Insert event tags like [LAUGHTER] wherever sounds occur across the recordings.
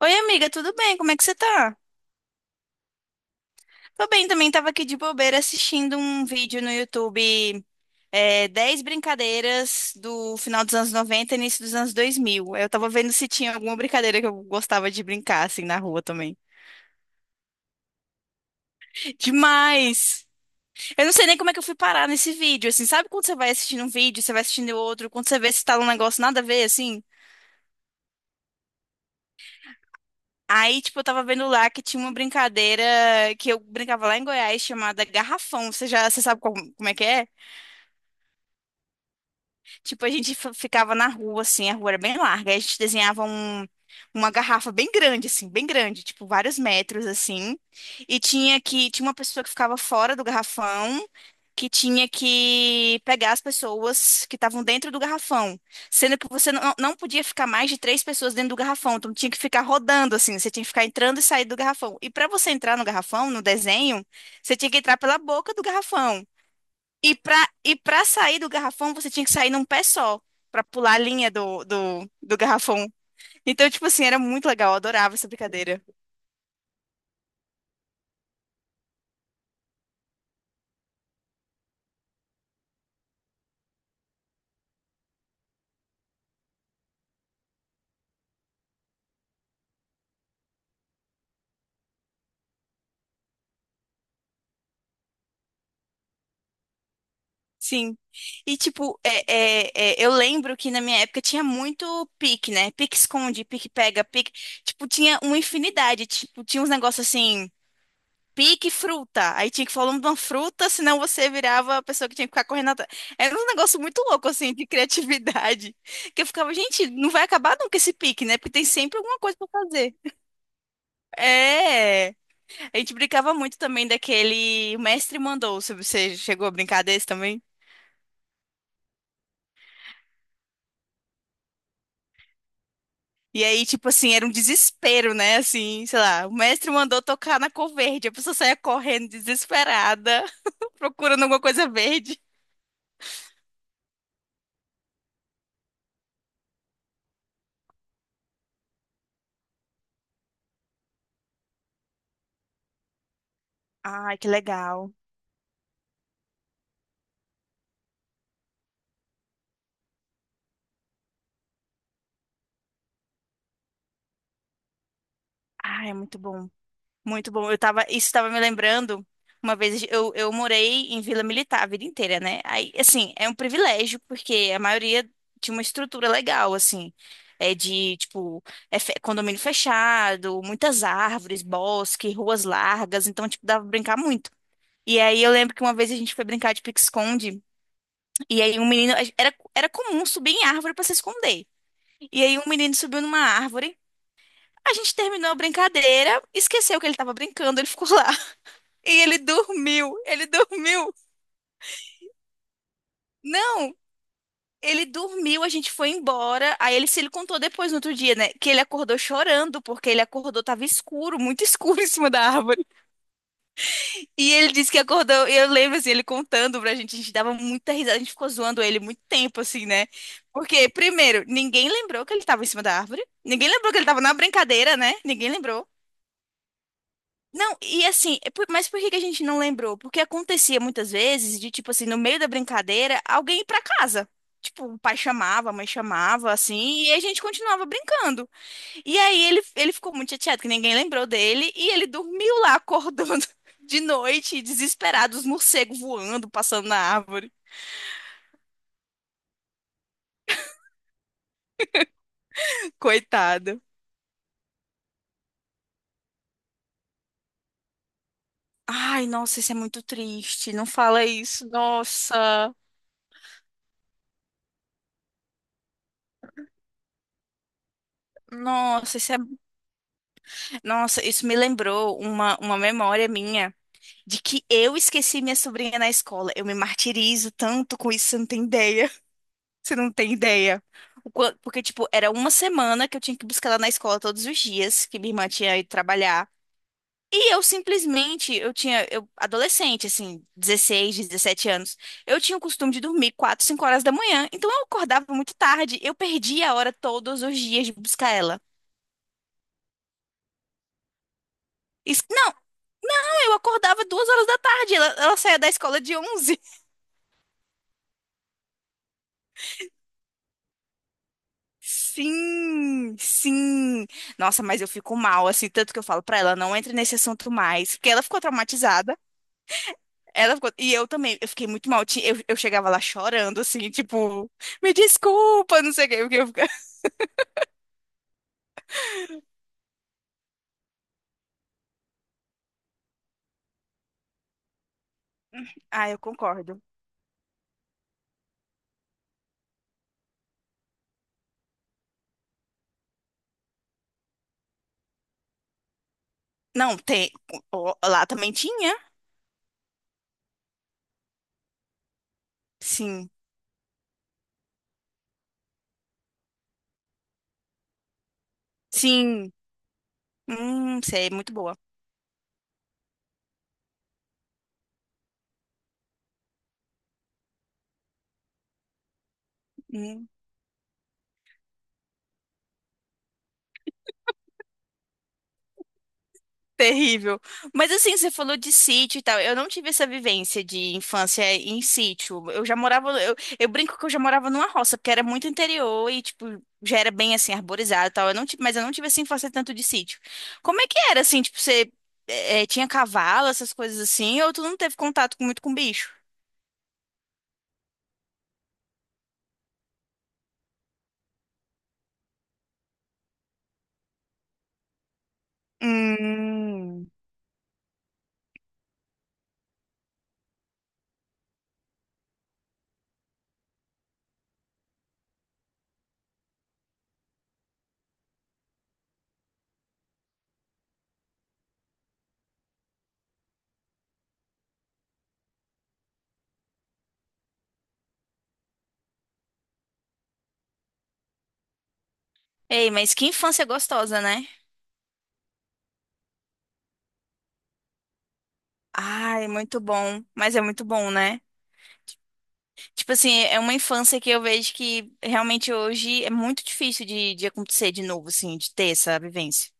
Oi, amiga, tudo bem? Como é que você tá? Tô bem também, tava aqui de bobeira assistindo um vídeo no YouTube, 10 brincadeiras do final dos anos 90 e início dos anos 2000. Eu tava vendo se tinha alguma brincadeira que eu gostava de brincar, assim, na rua também. Demais! Eu não sei nem como é que eu fui parar nesse vídeo, assim, sabe quando você vai assistindo um vídeo, você vai assistindo outro, quando você vê se tá num negócio nada a ver, assim? Aí, tipo, eu tava vendo lá que tinha uma brincadeira que eu brincava lá em Goiás chamada Garrafão. Você sabe como é que é? Tipo, a gente ficava na rua, assim, a rua era bem larga. Aí a gente desenhava uma garrafa bem grande, assim, bem grande, tipo, vários metros, assim. E tinha uma pessoa que ficava fora do garrafão, que tinha que pegar as pessoas que estavam dentro do garrafão. Sendo que você não podia ficar mais de três pessoas dentro do garrafão. Então tinha que ficar rodando, assim, você tinha que ficar entrando e saindo do garrafão. E para você entrar no garrafão, no desenho, você tinha que entrar pela boca do garrafão. E para sair do garrafão, você tinha que sair num pé só, para pular a linha do garrafão. Então, tipo assim, era muito legal, eu adorava essa brincadeira. Sim. E, tipo, eu lembro que na minha época tinha muito pique, né? Pique esconde, pique pega, pique. Tipo, tinha uma infinidade. Tipo, tinha uns negócios assim. Pique fruta. Aí tinha que falar o nome de uma fruta, senão você virava a pessoa que tinha que ficar correndo atrás. Era um negócio muito louco, assim, de criatividade. [LAUGHS] Que eu ficava, gente, não vai acabar nunca esse pique, né? Porque tem sempre alguma coisa pra fazer. É. A gente brincava muito também daquele. O mestre mandou. Se você chegou a brincar desse também? E aí, tipo assim, era um desespero, né? Assim, sei lá, o mestre mandou tocar na cor verde. A pessoa saía correndo desesperada, [LAUGHS] procurando alguma coisa verde. Ai, que legal. Ai, é muito bom. Muito bom. Eu tava, isso estava me lembrando. Uma vez eu morei em Vila Militar a vida inteira, né? Aí, assim, é um privilégio, porque a maioria tinha uma estrutura legal, assim. É de, tipo, é condomínio fechado, muitas árvores, bosque, ruas largas. Então, tipo, dava pra brincar muito. E aí eu lembro que uma vez a gente foi brincar de pique-esconde. E aí um menino. Era comum subir em árvore pra se esconder. E aí um menino subiu numa árvore. A gente terminou a brincadeira, esqueceu que ele tava brincando, ele ficou lá. E ele dormiu, ele dormiu. Não, ele dormiu, a gente foi embora. Aí ele contou depois no outro dia, né? Que ele acordou chorando, porque ele acordou, tava escuro, muito [LAUGHS] escuro em cima da árvore. E ele disse que acordou, e eu lembro assim, ele contando pra gente, a gente dava muita risada, a gente ficou zoando ele muito tempo, assim, né? Porque, primeiro, ninguém lembrou que ele tava em cima da árvore. Ninguém lembrou que ele tava na brincadeira, né? Ninguém lembrou. Não, e assim, mas por que que a gente não lembrou? Porque acontecia muitas vezes de, tipo assim, no meio da brincadeira, alguém ir pra casa. Tipo, o pai chamava, a mãe chamava, assim, e a gente continuava brincando. E aí ele ficou muito chateado que ninguém lembrou dele, e ele dormiu lá acordando [LAUGHS] de noite, desesperado, os morcegos voando, passando na árvore. [LAUGHS] Coitado. Ai, nossa, isso é muito triste. Não fala isso. Nossa. Nossa, isso é... Nossa, isso me lembrou uma memória minha, de que eu esqueci minha sobrinha na escola. Eu me martirizo tanto com isso, você não tem ideia. [LAUGHS] Você não tem ideia. Porque, tipo, era uma semana que eu tinha que buscar ela na escola todos os dias, que minha irmã tinha ido trabalhar. E eu simplesmente, eu, adolescente, assim, 16 17 anos, eu tinha o costume de dormir 4 5 horas da manhã, então eu acordava muito tarde, eu perdia a hora todos os dias de buscar ela. Não, eu acordava 2 horas da tarde, ela saía da escola de 11. Sim, sim. Nossa, mas eu fico mal, assim, tanto que eu falo pra ela, não entre nesse assunto mais, porque ela ficou traumatizada. Ela ficou... E eu também, eu fiquei muito mal. Eu chegava lá chorando, assim, tipo, me desculpa, não sei o que porque eu [LAUGHS] Ah, eu concordo. Não, tem. Lá também tinha. Sim, sim. Sei, muito boa. Hum. Terrível. Mas assim, você falou de sítio e tal. Eu não tive essa vivência de infância em sítio. Eu já morava, eu brinco que eu já morava numa roça, porque era muito interior e, tipo, já era bem assim, arborizado e tal. Eu não tive, mas eu não tive essa infância tanto de sítio. Como é que era, assim, tipo, você tinha cavalo, essas coisas assim, ou tu não teve contato muito com bicho? Hum. Ei, mas que infância gostosa, né? Ai, muito bom. Mas é muito bom, né? Tipo assim, é uma infância que eu vejo que realmente hoje é muito difícil de acontecer de novo, assim, de ter essa vivência.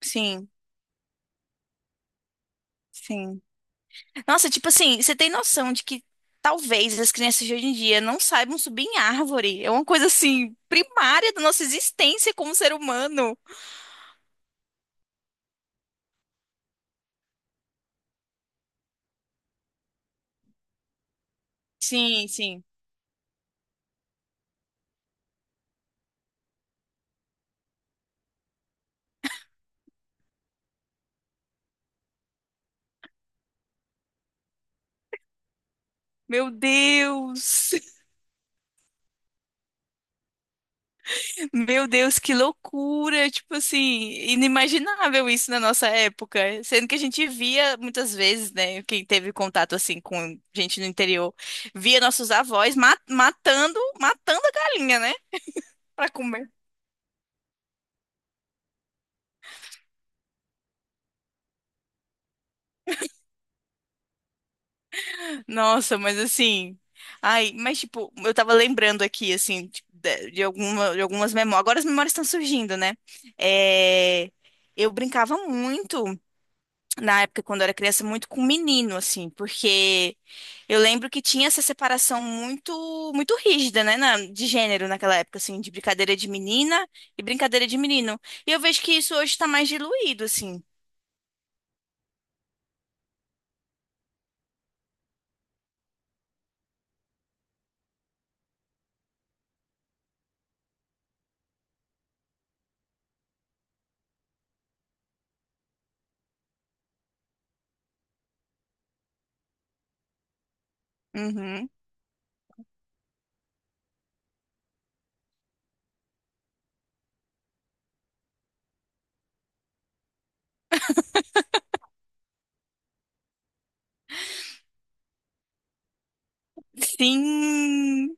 Sim, sim. Nossa, tipo assim, você tem noção de que talvez as crianças de hoje em dia não saibam subir em árvore? É uma coisa assim, primária da nossa existência como ser humano. Sim, sim. Meu Deus! Meu Deus, que loucura! Tipo assim, inimaginável isso na nossa época. Sendo que a gente via muitas vezes, né? Quem teve contato assim com gente no interior, via nossos avós matando a galinha, né? Pra comer. Nossa, mas assim. Ai, mas tipo, eu tava lembrando aqui, assim, tipo, de algumas memórias. Agora as memórias estão surgindo, né? É, eu brincava muito, na época, quando eu era criança, muito com menino, assim, porque eu lembro que tinha essa separação muito, muito rígida, né, de gênero naquela época, assim, de brincadeira de menina e brincadeira de menino. E eu vejo que isso hoje tá mais diluído, assim. Uhum. Sim.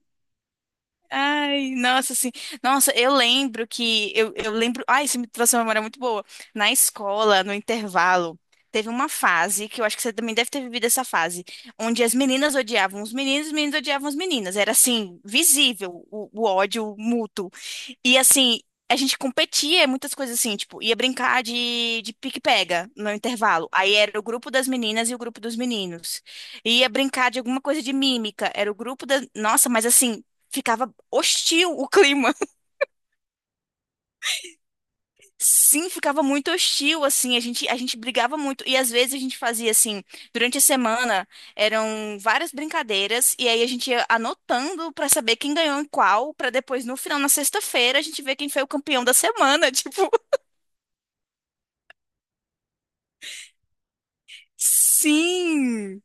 Ai, nossa, assim, nossa, eu lembro, ai, isso me trouxe uma memória muito boa. Na escola, no intervalo, teve uma fase, que eu acho que você também deve ter vivido essa fase, onde as meninas odiavam os meninos odiavam as meninas, era assim, visível o ódio mútuo. E assim, a gente competia em muitas coisas assim, tipo, ia brincar de pique-pega no intervalo. Aí era o grupo das meninas e o grupo dos meninos. Ia brincar de alguma coisa de mímica, era o grupo da... Nossa, mas assim, ficava hostil o clima. [LAUGHS] Sim, ficava muito hostil, assim, a gente brigava muito. E às vezes a gente fazia assim, durante a semana eram várias brincadeiras, e aí a gente ia anotando pra saber quem ganhou em qual, pra depois, no final, na sexta-feira, a gente ver quem foi o campeão da semana. [LAUGHS] Tipo, sim.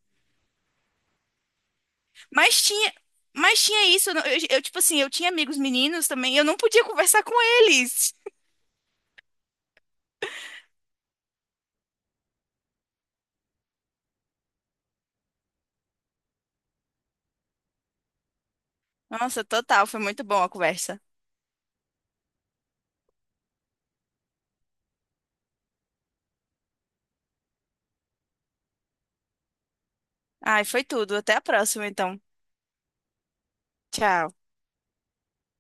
Mas tinha. Mas tinha isso, eu, não- eu, tipo assim, eu tinha amigos meninos também, e eu não podia conversar com eles. Nossa, total, foi muito bom a conversa. Ai, foi tudo. Até a próxima, então. Tchau.